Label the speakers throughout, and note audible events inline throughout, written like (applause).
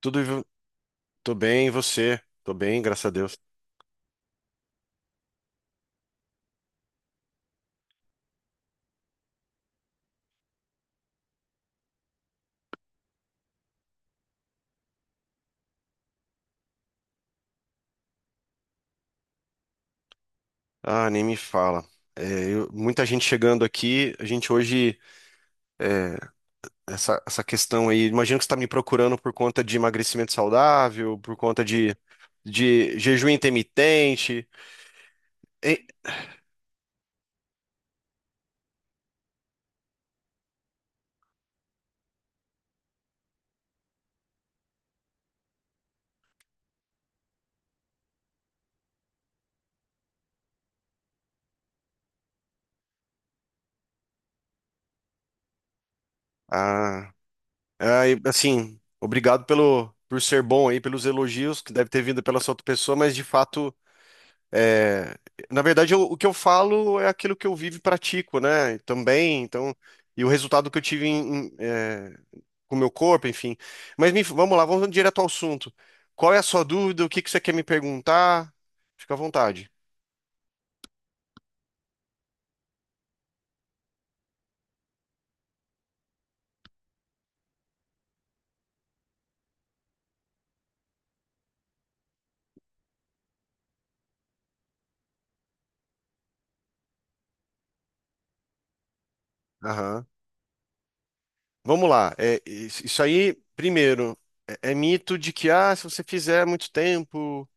Speaker 1: Tudo, tô bem, e você? Tô bem, graças a Deus. Ah, nem me fala. É, muita gente chegando aqui. A gente hoje, essa questão aí, imagino que você está me procurando por conta de emagrecimento saudável, por conta de jejum intermitente. E- ah, e, assim, obrigado por ser bom aí, pelos elogios que deve ter vindo pela sua outra pessoa, mas de fato. É, na verdade, o que eu falo é aquilo que eu vivo e pratico, né? Também, então, e o resultado que eu tive com o meu corpo, enfim. Mas vamos lá, vamos direto ao assunto. Qual é a sua dúvida? O que que você quer me perguntar? Fica à vontade. Aham. Vamos lá. Isso aí, primeiro, é mito de que se você fizer muito tempo,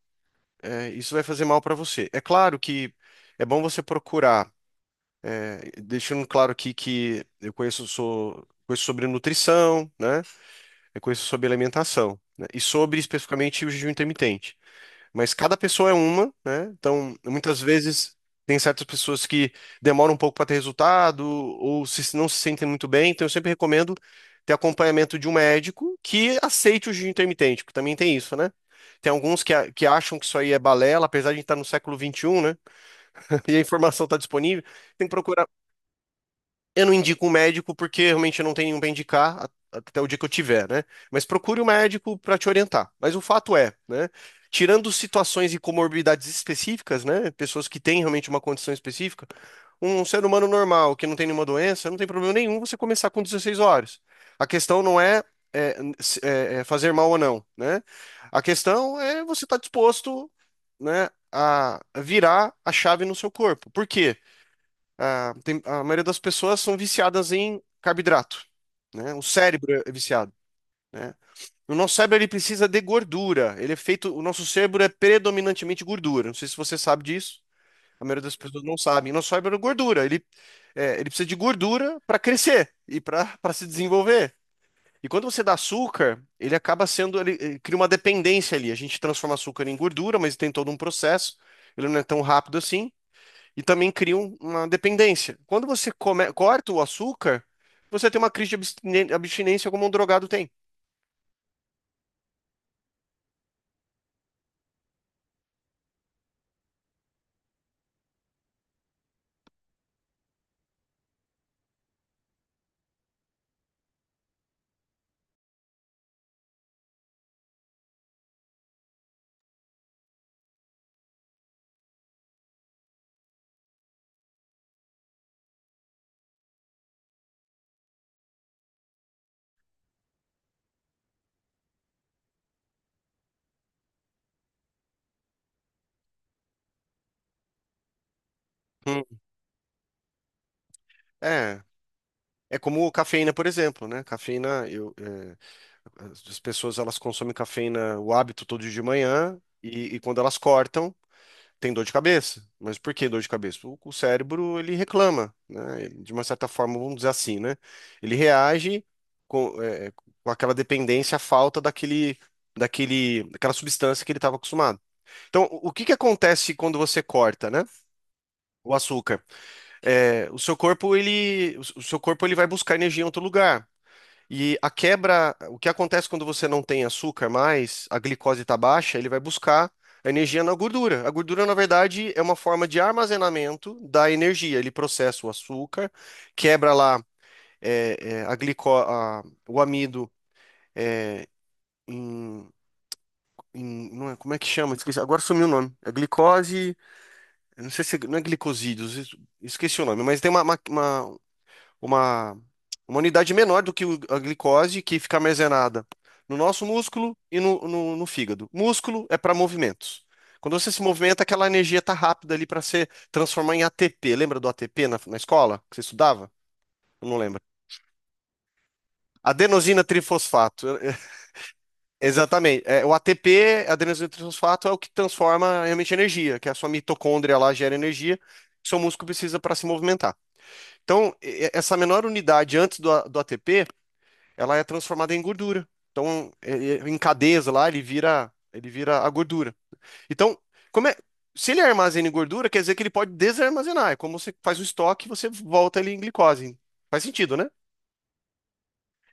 Speaker 1: isso vai fazer mal para você. É claro que é bom você procurar. Deixando claro aqui que eu conheço sobre nutrição, né? Eu conheço sobre alimentação, né? E sobre especificamente o jejum intermitente. Mas cada pessoa é uma, né? Então, muitas vezes tem certas pessoas que demoram um pouco para ter resultado ou se, não se sentem muito bem. Então, eu sempre recomendo ter acompanhamento de um médico que aceite o jejum intermitente, porque também tem isso, né? Tem alguns que acham que isso aí é balela, apesar de a gente estar no século 21, né? (laughs) E a informação está disponível. Tem que procurar. Eu não indico um médico porque realmente eu não tenho nenhum para indicar até o dia que eu tiver, né? Mas procure um médico para te orientar. Mas o fato é, né? Tirando situações e comorbidades específicas, né? Pessoas que têm realmente uma condição específica, um ser humano normal que não tem nenhuma doença, não tem problema nenhum você começar com 16 horas. A questão não é fazer mal ou não, né? A questão é você estar disposto, né, a virar a chave no seu corpo. Por quê? Ah, a maioria das pessoas são viciadas em carboidrato, né? O cérebro é viciado, né? O nosso cérebro ele precisa de gordura. O nosso cérebro é predominantemente gordura. Não sei se você sabe disso. A maioria das pessoas não sabe. Nosso cérebro é gordura. Ele precisa de gordura para crescer e para se desenvolver. E quando você dá açúcar, ele acaba sendo, ele cria uma dependência ali. A gente transforma açúcar em gordura, mas tem todo um processo. Ele não é tão rápido assim e também cria uma dependência. Quando você corta o açúcar, você tem uma crise de abstinência como um drogado tem. Hum. É. É como cafeína, por exemplo, né? Cafeína, as pessoas elas consomem cafeína, o hábito todo dia de manhã, e quando elas cortam, tem dor de cabeça. Mas por que dor de cabeça? O cérebro, ele reclama, né? De uma certa forma, vamos dizer assim, né? Ele reage com aquela dependência à falta daquela substância que ele estava acostumado. Então, o que que acontece quando você corta, né? O açúcar. O seu corpo ele vai buscar energia em outro lugar. E a quebra, o que acontece quando você não tem açúcar mais, a glicose está baixa, ele vai buscar a energia na gordura. A gordura, na verdade, é uma forma de armazenamento da energia. Ele processa o açúcar, quebra lá é, é, a glico, a- o amido em, não é, como é que chama? Esqueci, agora sumiu o nome. É glicose. Eu não sei se não é glicosídeos, esqueci o nome, mas tem uma- uma unidade menor do que a glicose que fica armazenada no nosso músculo e no fígado. Músculo é para movimentos. Quando você se movimenta, aquela energia está rápida ali para se transformar em ATP. Lembra do ATP na escola que você estudava? Eu não lembro. Adenosina trifosfato. (laughs) Exatamente. O ATP, adenosina trifosfato, é o que transforma realmente em energia, que é a sua mitocôndria lá gera energia, que seu músculo precisa para se movimentar. Então, essa menor unidade antes do ATP, ela é transformada em gordura. Então, em cadeias lá, ele vira a gordura. Então, como é- se ele armazena em gordura, quer dizer que ele pode desarmazenar. É como você faz um estoque e você volta ele em glicose. Faz sentido, né?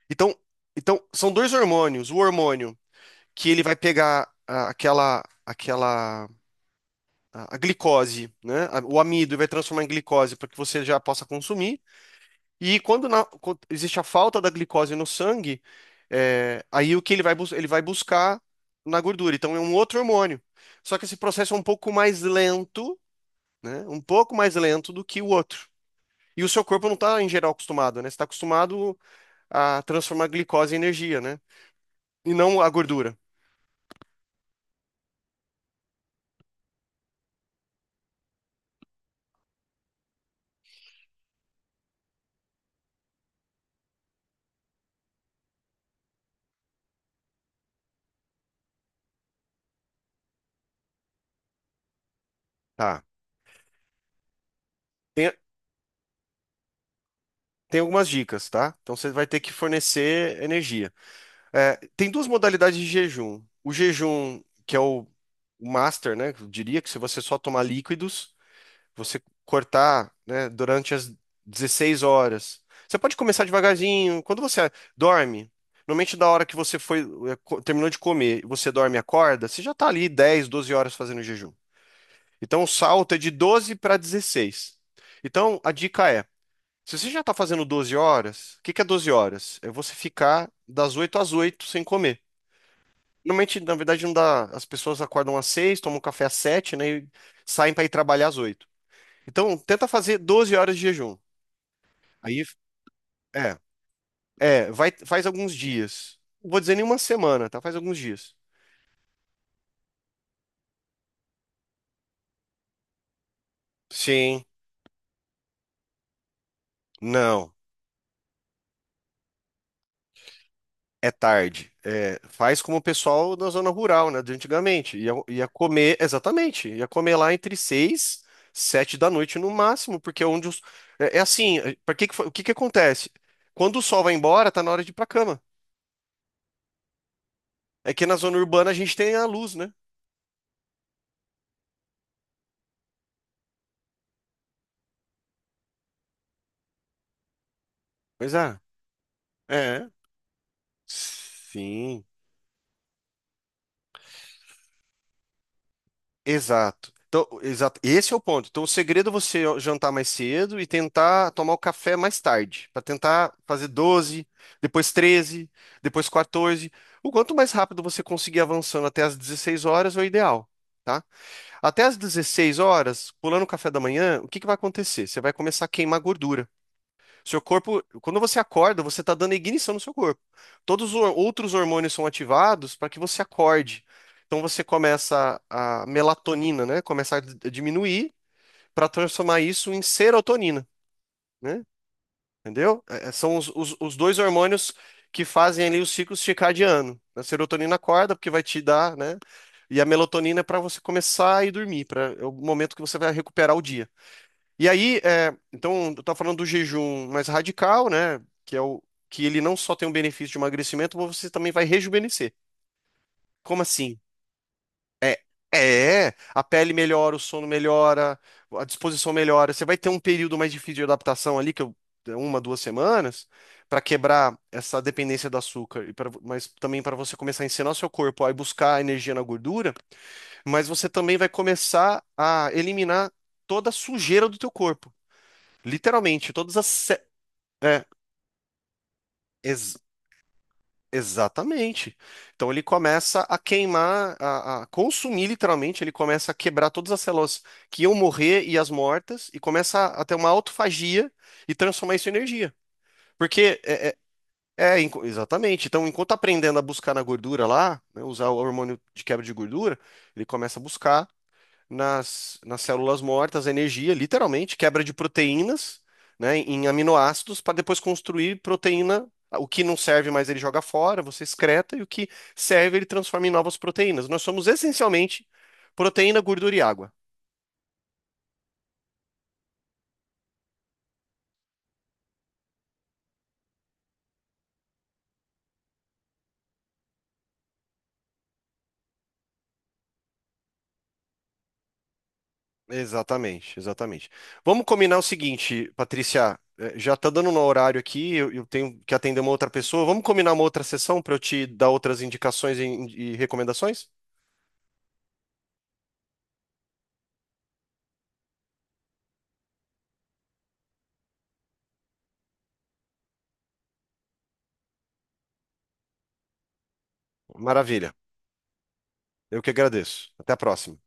Speaker 1: Então, então, são dois hormônios. O hormônio que ele vai pegar aquela a glicose, né? O amido e vai transformar em glicose para que você já possa consumir. E quando existe a falta da glicose no sangue, aí o que ele vai buscar na gordura. Então é um outro hormônio. Só que esse processo é um pouco mais lento, né? Um pouco mais lento do que o outro. E o seu corpo não está, em geral, acostumado, né? Você está acostumado a transformar glicose em energia, né? E não a gordura. Tá. Tem, tem algumas dicas, tá? Então você vai ter que fornecer energia. Tem duas modalidades de jejum. O jejum, que é o master, né? Eu diria que se você só tomar líquidos, você cortar, né, durante as 16 horas. Você pode começar devagarzinho. Quando você dorme, normalmente da hora que você terminou de comer, você dorme e acorda, você já está ali 10 12 horas fazendo jejum. Então o salto é de 12 para 16. Então a dica é, se você já está fazendo 12 horas, o que que é 12 horas? É você ficar das 8 às 8 sem comer. Normalmente, na verdade, não dá. As pessoas acordam às 6, tomam um café às 7, né? E saem para ir trabalhar às 8. Então, tenta fazer 12 horas de jejum. Aí, é, vai, faz alguns dias. Não vou dizer nenhuma semana, tá? Faz alguns dias. Sim, não. É tarde. Faz como o pessoal da zona rural, né? De antigamente. Ia comer, exatamente. Ia comer lá entre 6, 7 da noite no máximo, porque é onde os. É assim, para que, que fa- o que que acontece? Quando o sol vai embora, tá na hora de ir pra cama. É que na zona urbana a gente tem a luz, né? Pois é. É. Sim. Exato. Então, exato. Esse é o ponto. Então, o segredo é você jantar mais cedo e tentar tomar o café mais tarde, para tentar fazer 12, depois 13, depois 14. O quanto mais rápido você conseguir avançando até as 16 horas é o ideal, tá? Até as 16 horas, pulando o café da manhã, o que que vai acontecer? Você vai começar a queimar gordura. Seu corpo, quando você acorda, você está dando ignição no seu corpo. Todos os outros hormônios são ativados para que você acorde. Então você começa a melatonina, né? Começa a diminuir para transformar isso em serotonina, né? Entendeu? São os dois hormônios que fazem ali o ciclo circadiano. A serotonina acorda porque vai te dar, né? E a melatonina é para você começar a ir dormir, para é o momento que você vai recuperar o dia. E aí, então, eu estava falando do jejum mais radical, né? Que é o que ele não só tem um benefício de emagrecimento, mas você também vai rejuvenescer. Como assim? É, a pele melhora, o sono melhora, a disposição melhora. Você vai ter um período mais difícil de adaptação ali, é 1, 2 semanas, para quebrar essa dependência do açúcar, mas também para você começar a ensinar o seu corpo a ir buscar energia na gordura, mas você também vai começar a eliminar toda a sujeira do teu corpo. Literalmente, todas as. É, ex- Exatamente. Então ele começa a queimar, a consumir literalmente, ele começa a quebrar todas as células que iam morrer e as mortas, e começa a ter uma autofagia e transformar isso em energia. Porque é, exatamente. Então, enquanto tá aprendendo a buscar na gordura lá, né, usar o hormônio de quebra de gordura, ele começa a buscar nas células mortas, a energia, literalmente, quebra de proteínas, né, em aminoácidos, para depois construir proteína. O que não serve mais ele joga fora, você excreta, e o que serve ele transforma em novas proteínas. Nós somos essencialmente proteína, gordura e água. Exatamente, exatamente. Vamos combinar o seguinte, Patrícia, já tá dando no horário aqui, eu tenho que atender uma outra pessoa. Vamos combinar uma outra sessão para eu te dar outras indicações e recomendações? Maravilha. Eu que agradeço. Até a próxima.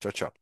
Speaker 1: Tchau, tchau.